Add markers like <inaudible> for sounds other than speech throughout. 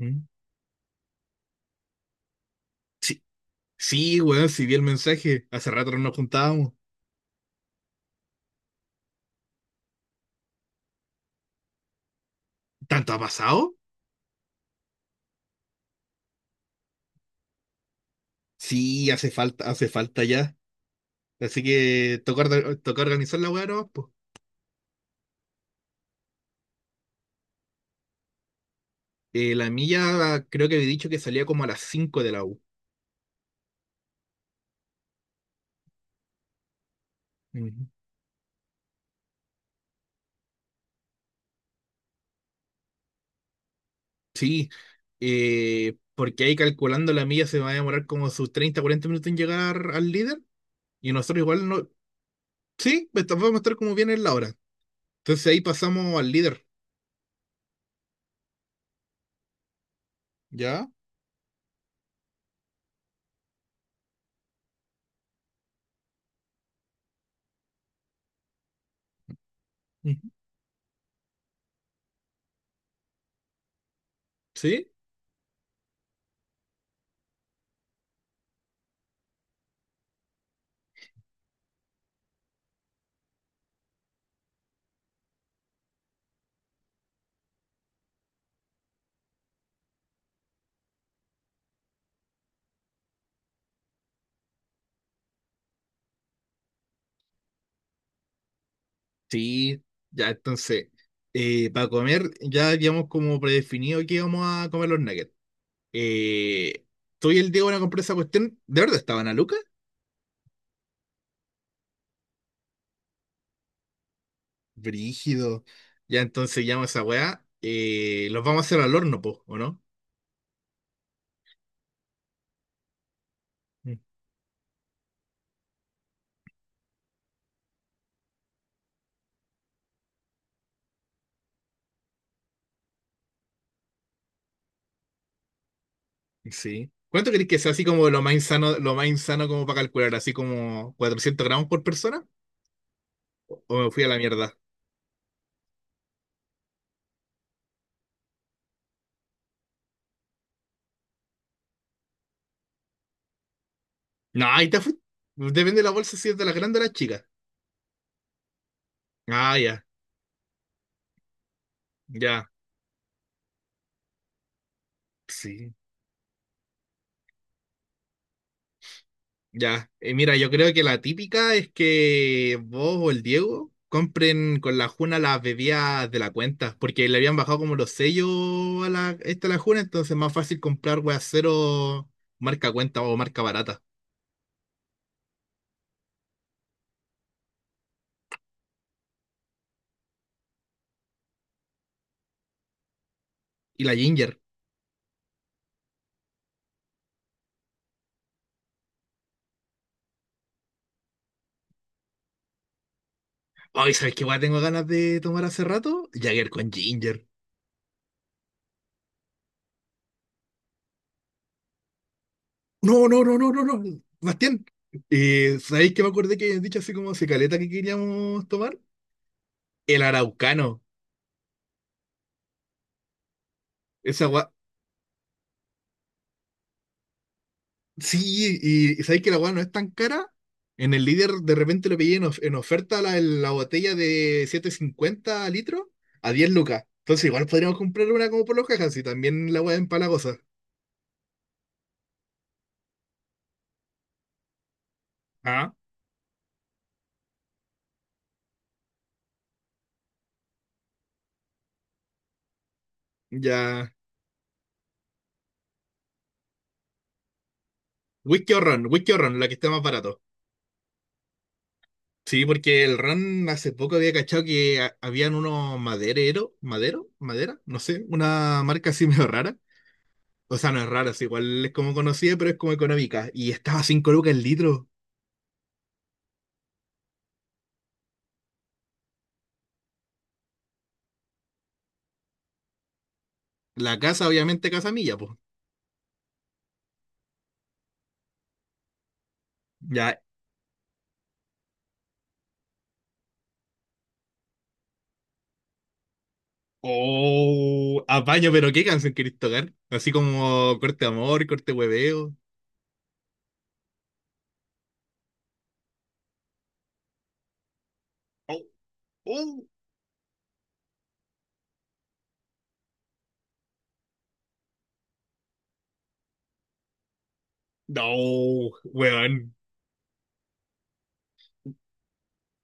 Mm. Sí, sí, weón, sí vi el mensaje. Hace rato no nos juntábamos. ¿Tanto ha pasado? Sí, hace falta ya. Así que toca, toca organizar la weá nomás, po. La mía creo que había dicho que salía como a las 5 de la U. Ujú. Sí, porque ahí calculando la milla se va a demorar como sus 30, 40 minutos en llegar al líder. Y nosotros igual no. Sí, pues vamos a estar como bien en la hora. Entonces ahí pasamos al líder. ¿Ya? Ujú. ¿Sí? Sí, ya entonces, para comer ya habíamos como predefinido que íbamos a comer los nuggets. Eh, tú y el Diego van a comprar esa cuestión. ¿De verdad estaban a Luca? Brígido. Ya entonces llamo a esa weá. Los vamos a hacer al horno, po, ¿o no? Mm. Sí. ¿Cuánto crees que sea así como lo más insano como para calcular? ¿Así como 400 gramos por persona? ¿O me fui a la mierda? No, ahí te fuiste. Depende de la bolsa si es de las grandes o las chicas. Ah, ya, ya. Sí. Ya, mira, yo creo que la típica es que vos o el Diego compren con la Juna las bebidas de la cuenta, porque le habían bajado como los sellos a la Juna, entonces es más fácil comprar weas cero marca cuenta o marca barata. Y la Ginger. Ay, ¿sabes qué wea tengo ganas de tomar hace rato? Jagger con Ginger. No, no, no, no, no, no, Bastián. ¿Sabéis que me acordé que habían dicho así como se caleta que queríamos tomar? El Araucano. Esa gua- Sí, sabéis que la weá no es tan cara. En el líder de repente lo pillé en oferta la botella de siete cincuenta litros a 10 lucas. Entonces igual podríamos comprar una como por los cajas y también la weá es empalagosa. Ah, ya. Whisky o ron, la que esté más barato. Sí, porque el ron hace poco había cachado que habían unos madera, no sé, una marca así <laughs> medio rara. O sea, no es rara, es igual es como conocida, pero es como económica. Y estaba a 5 lucas el litro. La casa, obviamente, Casa Milla, pues. Ya. Oh, apaño, pero qué canción querés tocar. Así como corte amor, corte hueveo. Oh, oh. No, weón.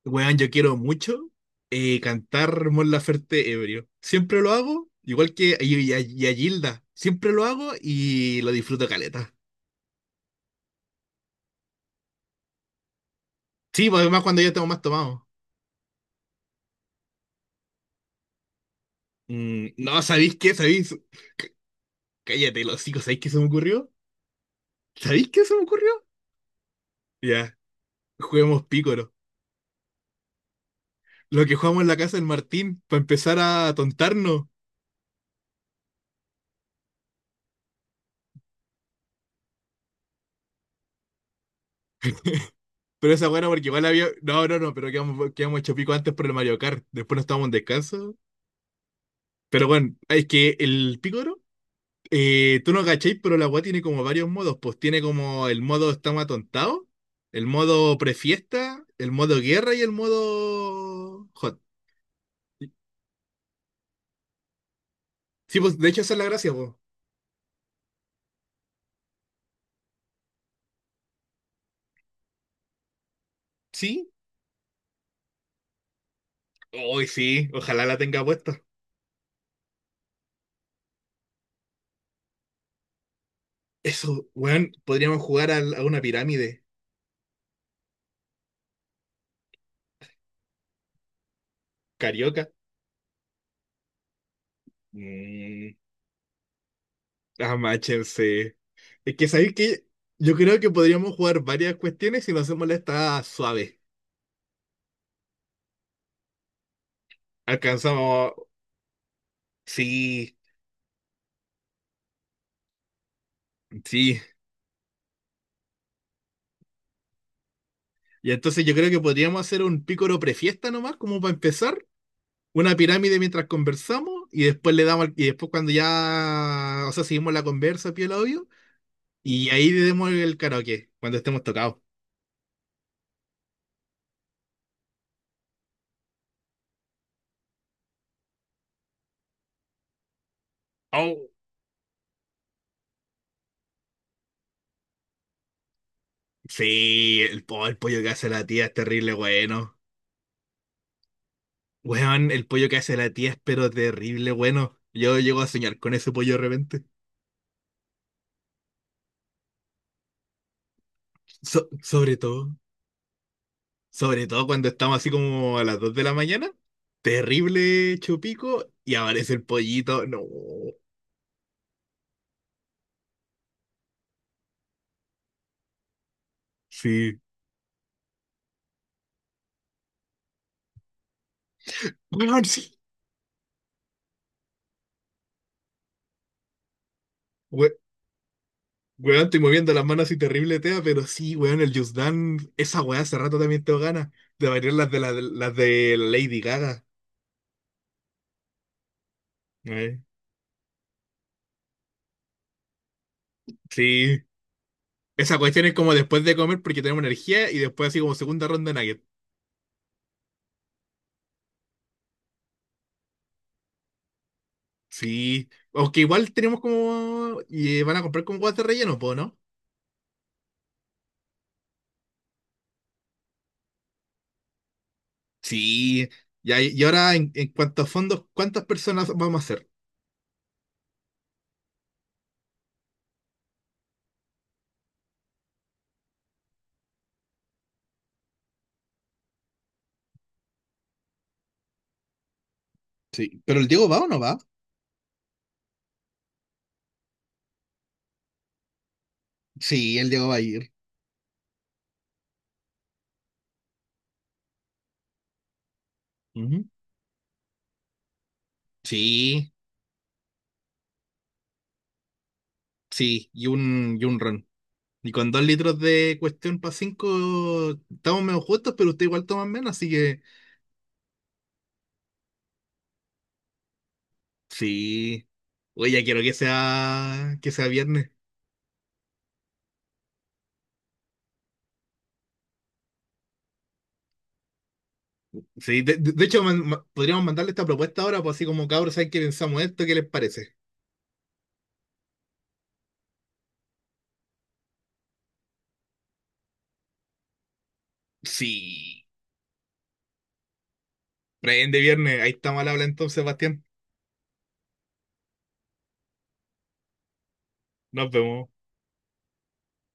Weón, yo quiero mucho cantar Mon Laferte ebrio. Siempre lo hago, igual que y a Gilda. Siempre lo hago y lo disfruto caleta. Sí, pues además cuando ya tengo más tomado. No, ¿sabéis qué? ¿Sabéis? Cállate, los chicos, ¿sabéis qué se me ocurrió? ¿Sabéis qué se me ocurrió? Ya, juguemos pícoro. Lo que jugamos en la casa del Martín, para empezar a tontarnos. Pero esa buena, porque igual había. No, no, no, pero quedamos hecho pico antes por el Mario Kart. Después nos estábamos en descanso. Pero bueno, es que el Picoro, tú no cachéis, pero la weá tiene como varios modos. Pues tiene como el modo estamos atontados, el modo prefiesta, el modo guerra y el modo hot. Sí, pues de hecho esa es la gracia, pues. Sí, hoy sí, ojalá la tenga puesta. Eso, weón, podríamos jugar una pirámide carioca. Mm, amáchense. Es que sabéis que yo creo que podríamos jugar varias cuestiones si lo hacemos la esta suave. Alcanzamos. Sí, sí. Y entonces yo creo que podríamos hacer un pícoro prefiesta nomás, como para empezar. Una pirámide mientras conversamos y después le damos. Y después cuando ya. O sea, seguimos la conversa, piel obvio. Y ahí le demos el karaoke, cuando estemos tocados. Oh, sí, el pollo que hace la tía es terrible, bueno. Weón, el pollo que hace la tía es pero terrible, bueno. Yo llego a soñar con ese pollo de repente. So- sobre todo, sobre todo cuando estamos así como a las 2 de la mañana. Terrible chupico y aparece el pollito. No, sí. Weón, sí. We- weón, estoy moviendo las manos así terrible, tea, pero sí, weón, el Just Dance, esa weá hace rato también tengo ganas de variar las de Lady Gaga. Eh, Sí. Esa cuestión es como después de comer porque tenemos energía y después así como segunda ronda de nuggets. Sí, aunque igual tenemos como. Y van a comprar como guas de relleno, po, ¿no? Sí, y ahora en cuanto a fondos, ¿cuántas personas vamos a hacer? Sí, ¿pero el Diego va o no va? Sí, el Diego va a ir. Ujú. Sí, sí, y un ron. Y con dos litros de cuestión para cinco, estamos menos justos, pero usted igual toma menos, así que sí. Oye, ya quiero que sea viernes. Sí, de hecho, podríamos mandarle esta propuesta ahora, pues así como cabros, ¿saben qué pensamos esto? ¿Qué les parece? Sí. Prende viernes. Ahí está mal habla entonces, Sebastián. Nos vemos.